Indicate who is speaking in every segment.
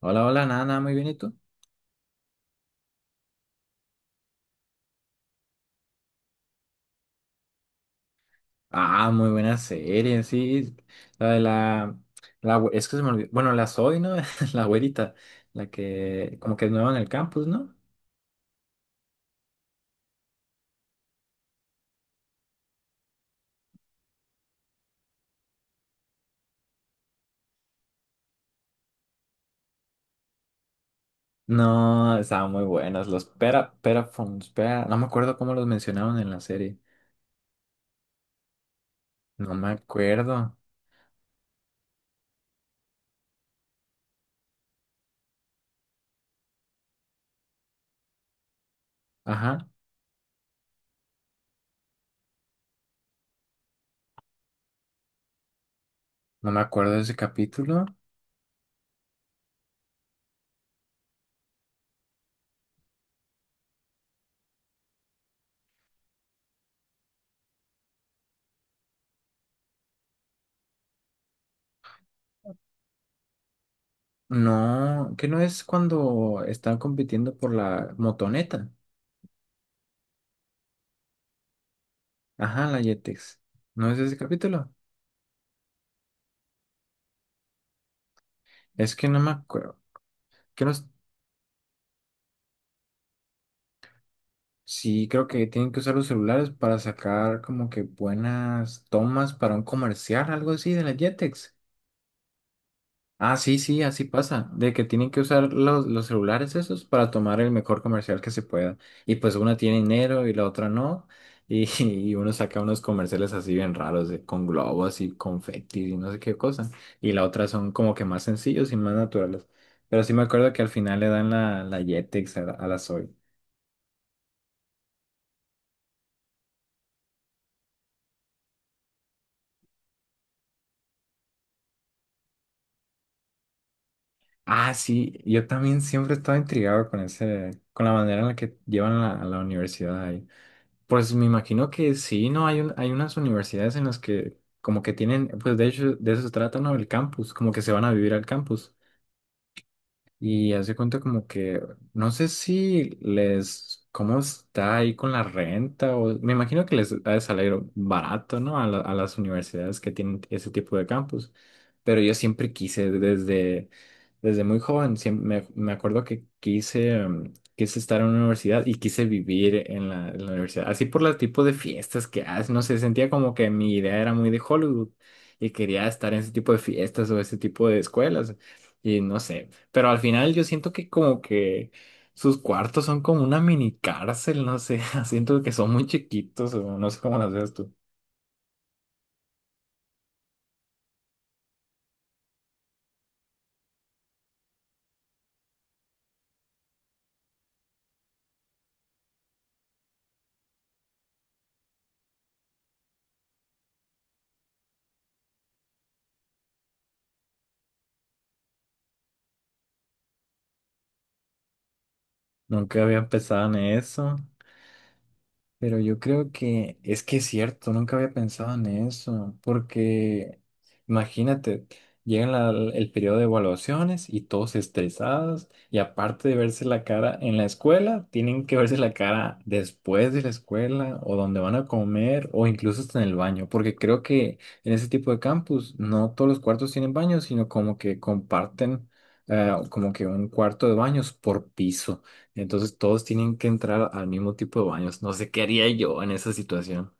Speaker 1: Hola, hola, nada, nada, muy bien, ¿y tú? Ah, muy buena serie, sí. La de la, es que se me olvidó. Bueno, la Zoe, ¿no? La güerita, la que como que es nueva en el campus, ¿no? No, estaban muy buenas. Los pera, Phones, pera, no me acuerdo cómo los mencionaban en la serie. No me acuerdo. Ajá, no me acuerdo de ese capítulo. No, que no es cuando están compitiendo por la motoneta. Ajá, la Yetex. ¿No es ese capítulo? Es que no me acuerdo. Sí, creo que tienen que usar los celulares para sacar como que buenas tomas para un comercial, algo así de la Jetex. Ah, sí, sí, así pasa, de que tienen que usar los celulares esos para tomar el mejor comercial que se pueda. Y pues una tiene dinero y la otra no. Y y uno saca unos comerciales así bien raros, de, con globos y confetis y no sé qué cosa. Y la otra son como que más sencillos y más naturales. Pero sí me acuerdo que al final le dan la Jetex a, a la Zoe. Ah, sí, yo también siempre estaba intrigado con ese, con la manera en la que llevan a a la universidad ahí. Pues me imagino que sí, ¿no? Hay unas universidades en las que como que tienen, pues de hecho de eso se trata, ¿no? El campus, como que se van a vivir al campus. Y hace cuenta como que, no sé si les, cómo está ahí con la renta, o me imagino que les ha de salir barato, ¿no? A, a las universidades que tienen ese tipo de campus. Pero yo siempre quise, desde, desde muy joven, me, acuerdo que quise, quise estar en una universidad y quise vivir en en la universidad. Así por el tipo de fiestas que hacen, no sé, sentía como que mi idea era muy de Hollywood y quería estar en ese tipo de fiestas o ese tipo de escuelas. Y no sé, pero al final yo siento que como que sus cuartos son como una mini cárcel, no sé, siento que son muy chiquitos, o no sé cómo las ves tú. Nunca había pensado en eso. Pero yo creo que es cierto, nunca había pensado en eso, porque imagínate, llega el periodo de evaluaciones y todos estresados, y aparte de verse la cara en la escuela, tienen que verse la cara después de la escuela, o donde van a comer, o incluso hasta en el baño, porque creo que en ese tipo de campus no todos los cuartos tienen baños, sino como que comparten como que un cuarto de baños por piso. Entonces todos tienen que entrar al mismo tipo de baños. No sé qué haría yo en esa situación.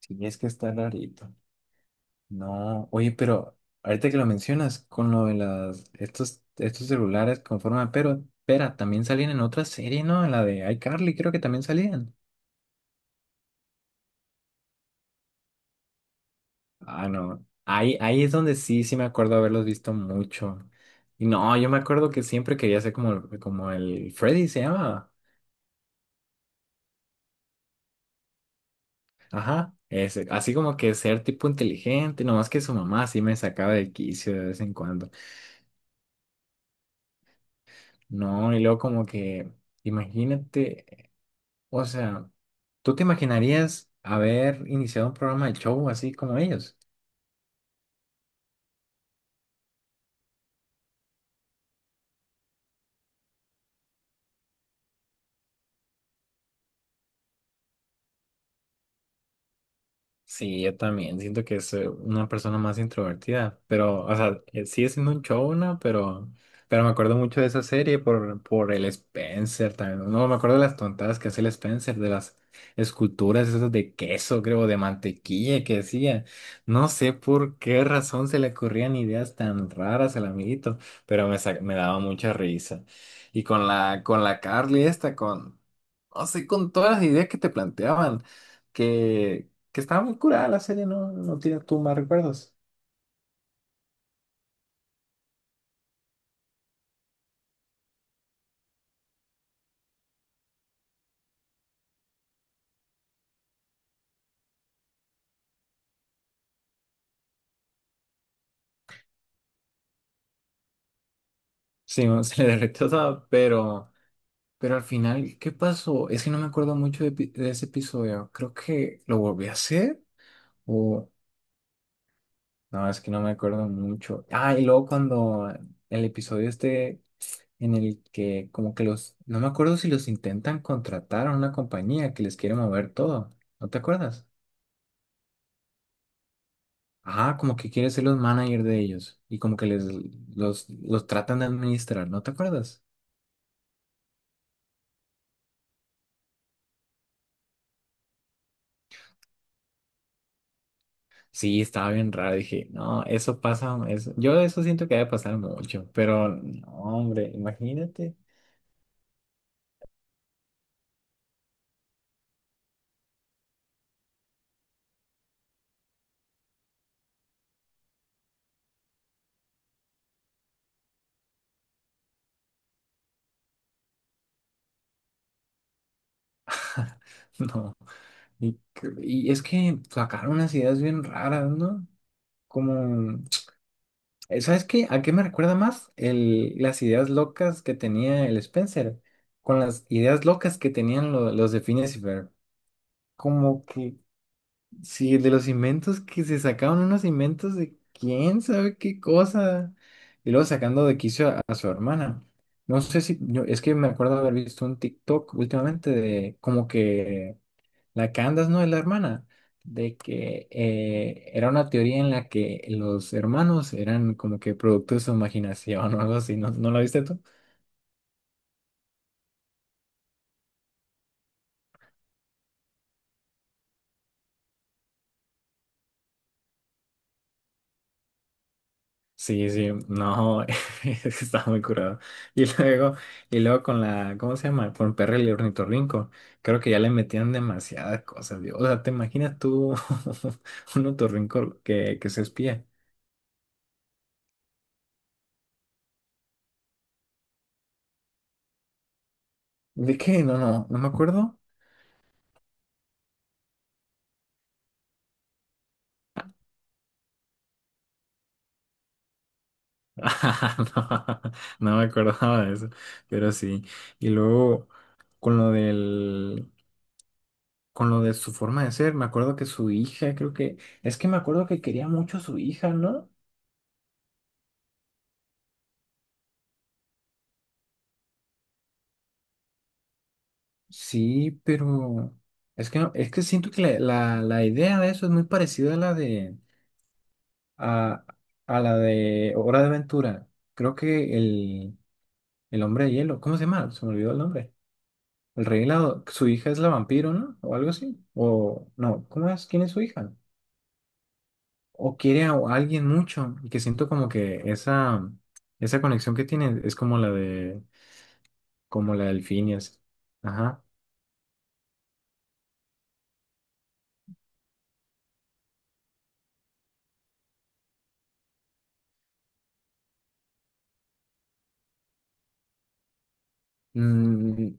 Speaker 1: Sí, es que está rarito. No, oye, pero ahorita que lo mencionas, con lo de las, estos celulares con forma de pero, pera, también salían en otra serie, ¿no? En la de iCarly, creo que también salían. Ah, no. Ahí es donde sí, sí me acuerdo haberlos visto mucho. Y no, yo me acuerdo que siempre quería ser como, como el Freddy, se llama. Ajá, ese, así como que ser tipo inteligente, nomás que su mamá sí me sacaba del quicio de vez en cuando. No, y luego como que, imagínate, o sea, ¿tú te imaginarías haber iniciado un programa de show así como ellos? Sí, yo también siento que es una persona más introvertida, pero, o sea, sigue siendo un showna, pero me acuerdo mucho de esa serie por el Spencer también. No, me acuerdo de las tontadas que hace el Spencer, de las esculturas esas de queso, creo, de mantequilla que hacía. No sé por qué razón se le ocurrían ideas tan raras al amiguito, pero me, me daba mucha risa. Y con la Carly esta, con, no sé, con todas las ideas que te planteaban. que que estaba muy curada la serie, no, no tienes tú más recuerdos. Sí, no, se le derretió todo, pero al final, ¿qué pasó? Es que no me acuerdo mucho de, de ese episodio. Creo que lo volví a hacer o... No, es que no me acuerdo mucho. Ah, y luego cuando el episodio este en el que como que los... No me acuerdo si los intentan contratar a una compañía que les quiere mover todo. ¿No te acuerdas? Ajá, como que quiere ser los manager de ellos y como que les los tratan de administrar, ¿no te acuerdas? Sí, estaba bien raro. Dije, no, eso pasa. Eso, yo de eso siento que debe pasar mucho, pero no, hombre, imagínate. No. Y, y es que sacaron unas ideas bien raras, ¿no? Como, ¿sabes qué? ¿A qué me recuerda más? El, las ideas locas que tenía el Spencer, con las ideas locas que tenían los de Phineas y Ferb. Como que sí, el de los inventos que se sacaron unos inventos de quién sabe qué cosa. Y luego sacando de quicio a su hermana. No sé si, es que me acuerdo haber visto un TikTok últimamente de como que la Candace no es la hermana, de que era una teoría en la que los hermanos eran como que producto de su imaginación o algo así. ¿No, no la viste tú? Sí, sí, no, está muy curado. Y luego, y luego con la, ¿cómo se llama? Con Perry el ornitorrinco, creo que ya le metían demasiadas cosas, Dios. O sea, ¿te imaginas tú un ornitorrinco que se espía? ¿De qué? No, no, no me acuerdo. Ah, no, no me acordaba de eso, pero sí. Y luego, con lo del, con lo de su forma de ser, me acuerdo que su hija, creo que, es que me acuerdo que quería mucho a su hija, ¿no? Sí, pero es que no- es que siento que la idea de eso es muy parecida a, a la de Hora de Aventura. Creo que el hombre de hielo, ¿cómo se llama? Se me olvidó el nombre. El rey helado, su hija es la vampiro, ¿no? O algo así. O no, ¿cómo es? ¿Quién es su hija? O quiere a alguien mucho, y que siento como que esa conexión que tiene es como la de como la del Phineas. Ajá. Mm,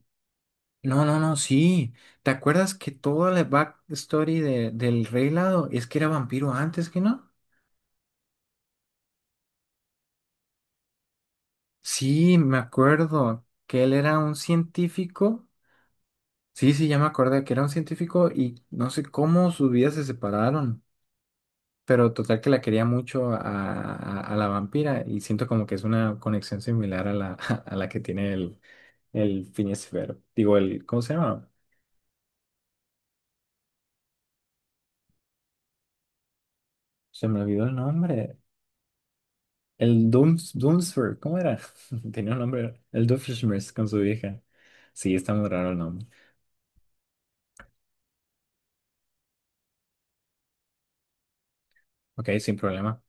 Speaker 1: no, no, no, sí. ¿Te acuerdas que toda la backstory de, del Rey Helado es que era vampiro antes que no? Sí, me acuerdo que él era un científico. Sí, sí, ya me acordé que era un científico y no sé cómo sus vidas se separaron. Pero total que la quería mucho a, a la vampira y siento como que es una conexión similar a la, a la que tiene el Phineas y Ferb. Digo, el, ¿cómo se llama? Se me olvidó el nombre. El dooms Dunsfer, ¿cómo era? Tenía un nombre, el Doofenshmirtz con su vieja. Sí, está muy raro el nombre. Ok, sin problema.